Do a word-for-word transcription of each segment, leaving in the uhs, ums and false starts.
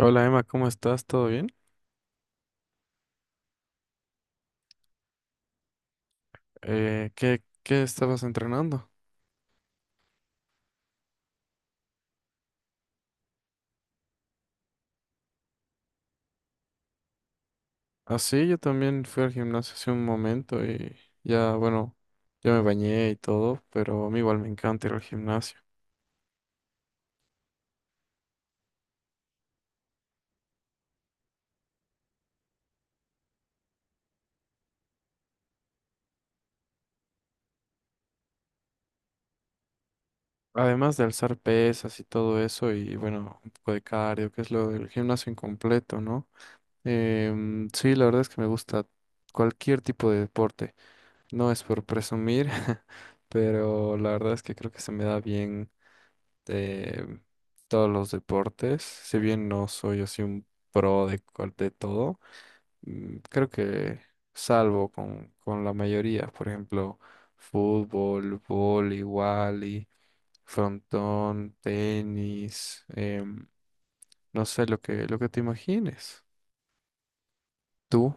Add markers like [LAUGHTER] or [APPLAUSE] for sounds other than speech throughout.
Hola Emma, ¿cómo estás? ¿Todo bien? Eh, ¿qué, qué estabas entrenando? Ah, sí, yo también fui al gimnasio hace un momento y ya, bueno, ya me bañé y todo, pero a mí igual me encanta ir al gimnasio. Además de alzar pesas y todo eso y bueno, un poco de cardio, que es lo del gimnasio incompleto, ¿no? Em, sí, la verdad es que me gusta cualquier tipo de deporte. No es por presumir, [LAUGHS] pero la verdad es que creo que se me da bien de todos los deportes. Si bien no soy así un pro de, cual- de todo, mm, creo que salvo con, con la mayoría, por ejemplo, fútbol, vóley, wally, frontón, tenis, em, no sé lo que, lo que te imagines. ¿Tú?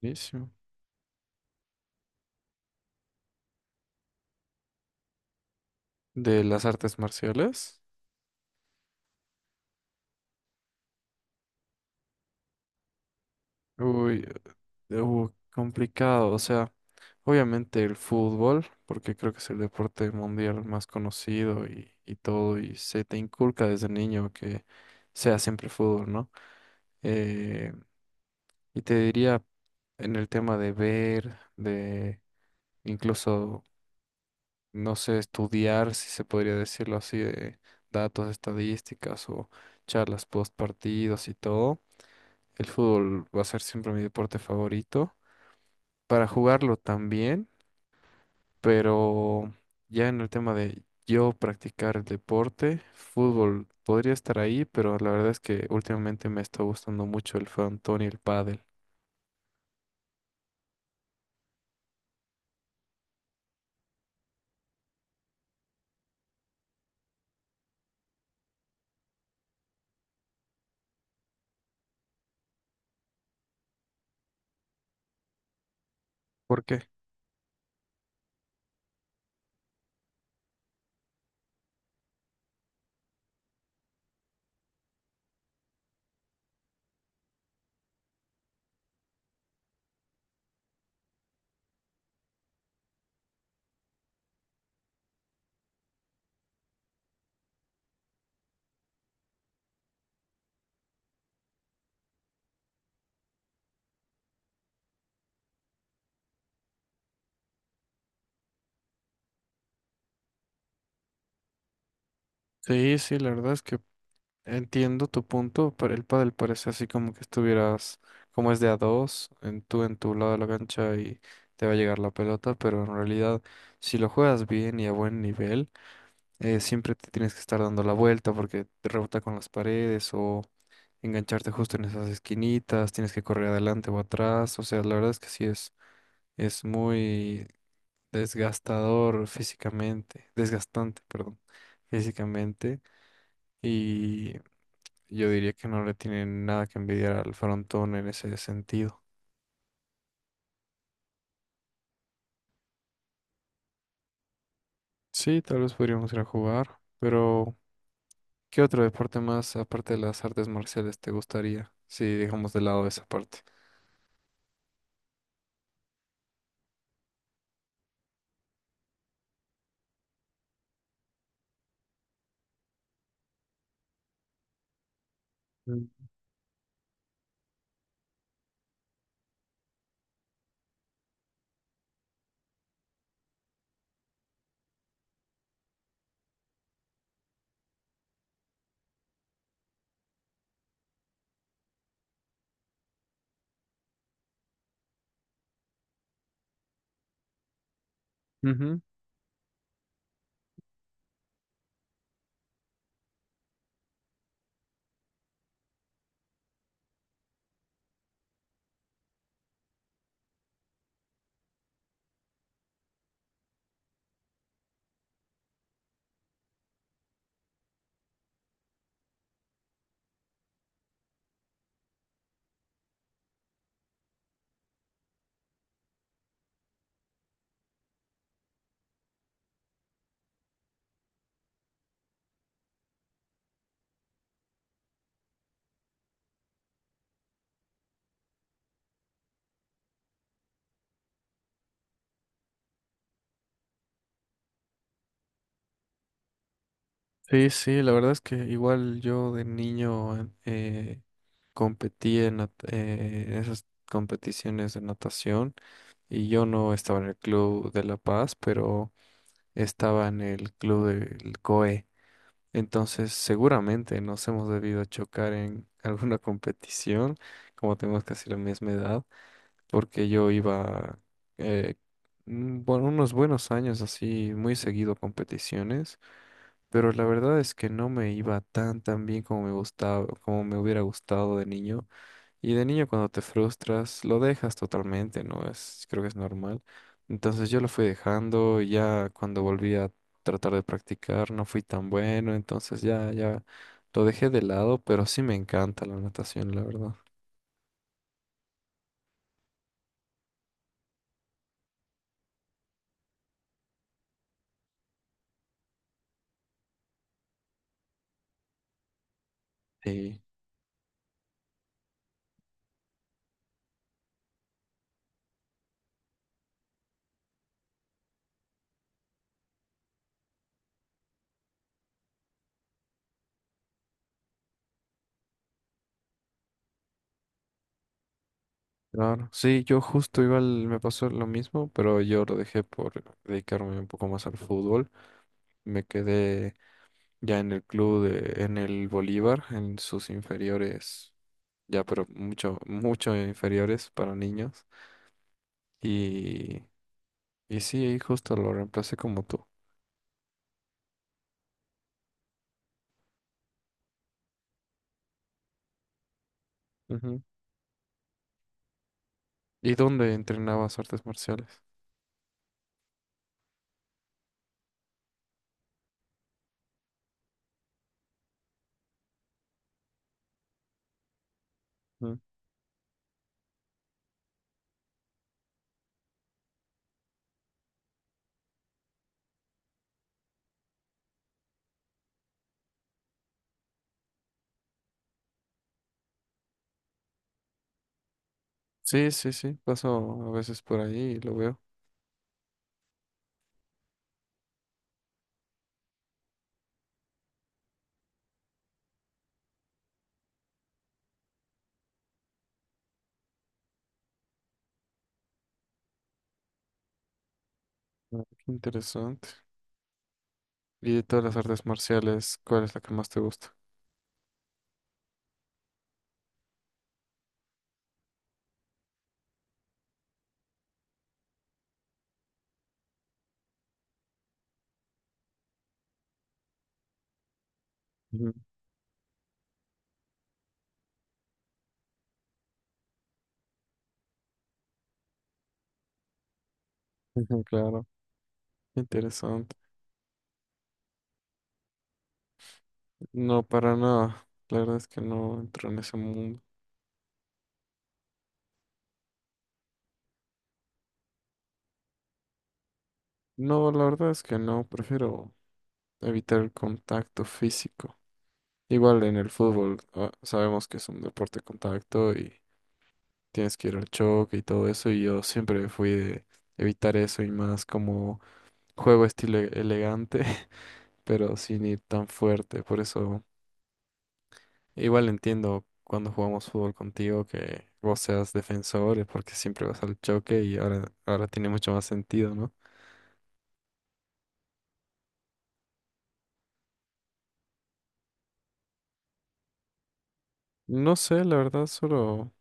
Buenísimo. ¿De las artes marciales? Uy, eh, uh, complicado. O sea, obviamente el fútbol, porque creo que es el deporte mundial más conocido y, y todo, y se te inculca desde niño que sea siempre fútbol, ¿no? Eh, y te diría en el tema de ver, de incluso, no sé, estudiar, si se podría decirlo así, de datos, estadísticas o charlas post partidos y todo. El fútbol va a ser siempre mi deporte favorito para jugarlo también, pero ya en el tema de yo practicar el deporte, fútbol podría estar ahí, pero la verdad es que últimamente me está gustando mucho el frontón y el pádel. ¿Por qué? Sí, sí, la verdad es que entiendo tu punto, pero el pádel parece así como que estuvieras, como es de a dos, en tú en tu lado de la cancha y te va a llegar la pelota, pero en realidad si lo juegas bien y a buen nivel, eh, siempre te tienes que estar dando la vuelta porque te rebota con las paredes o engancharte justo en esas esquinitas, tienes que correr adelante o atrás, o sea, la verdad es que sí es, es muy desgastador físicamente, desgastante, perdón, físicamente, y yo diría que no le tienen nada que envidiar al frontón en ese sentido. Sí, tal vez podríamos ir a jugar, pero ¿qué otro deporte más aparte de las artes marciales te gustaría? Si dejamos de lado esa parte. Mm. Ujú. Sí, sí, la verdad es que igual yo de niño eh, competí en nat- eh, en esas competiciones de natación y yo no estaba en el club de La Paz, pero estaba en el club del C O E. Entonces seguramente nos hemos debido chocar en [LAUGHS] alguna competición, como tenemos casi la misma edad, porque yo iba, eh, mm, bueno, unos buenos años así, muy seguido a competiciones, pero la verdad es que no me iba tan tan bien como me gustaba, como me hubiera gustado de niño. Y de niño cuando te frustras, lo dejas totalmente, ¿no? Es, creo que es normal. Entonces yo lo fui dejando, y ya cuando volví a tratar de practicar no fui tan bueno, entonces ya, ya lo dejé de lado, pero sí me encanta la natación, la verdad. Sí, claro. Sí, yo justo igual me pasó lo mismo, pero yo lo dejé por dedicarme un poco más al fútbol. Me quedé ya en el club de, en el Bolívar, en sus inferiores, ya pero mucho, mucho inferiores para niños. Y, y sí, ahí justo lo reemplacé como tú. Ujú. ¿Y dónde entrenabas artes marciales? Ujú. Sí, sí, sí, paso a veces por ahí y lo veo. Ah, qué interesante. Y de todas las artes marciales, ¿cuál es la que más te gusta? Ujú. Ujú, claro, interesante. No, para nada. La verdad es que no entro en ese mundo. No, la verdad es que no, prefiero evitar el contacto físico. Igual en el fútbol, ah, sabemos que es un deporte de contacto y tienes que ir al choque y todo eso, y yo siempre fui de evitar eso y más como juego estilo e- elegante, [LAUGHS] pero sin ir tan fuerte. Por eso, igual entiendo cuando jugamos fútbol contigo que vos seas defensor, eh, porque siempre vas al choque y ahora, ahora tiene mucho más sentido, ¿no? No sé, la verdad, solo...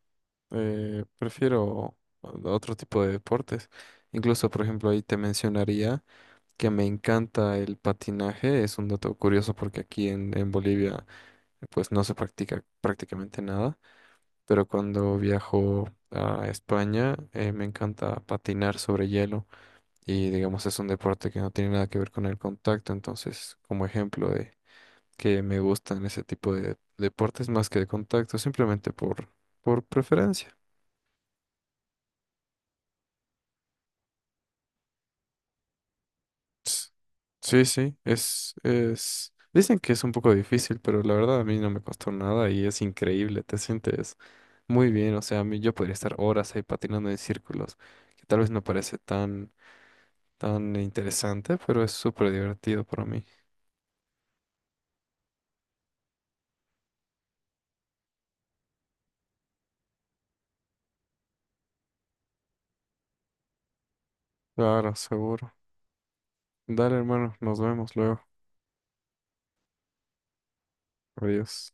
Eh, prefiero otro tipo de deportes. Incluso, por ejemplo, ahí te mencionaría que me encanta el patinaje. Es un dato curioso porque aquí en, en Bolivia pues no se practica prácticamente nada. Pero cuando viajo a España eh, me encanta patinar sobre hielo. Y digamos es un deporte que no tiene nada que ver con el contacto. Entonces, como ejemplo de que me gustan ese tipo de deportes más que de contacto, simplemente por, por preferencia. S- Sí, sí, es, es... Dicen que es un poco difícil, pero la verdad a mí no me costó nada y es increíble, te sientes muy bien, o sea, a mí yo podría estar horas ahí patinando en círculos, que tal vez no parece tan, tan interesante, pero es súper divertido para mí. Claro, seguro. Dale, hermano, nos vemos luego. Adiós.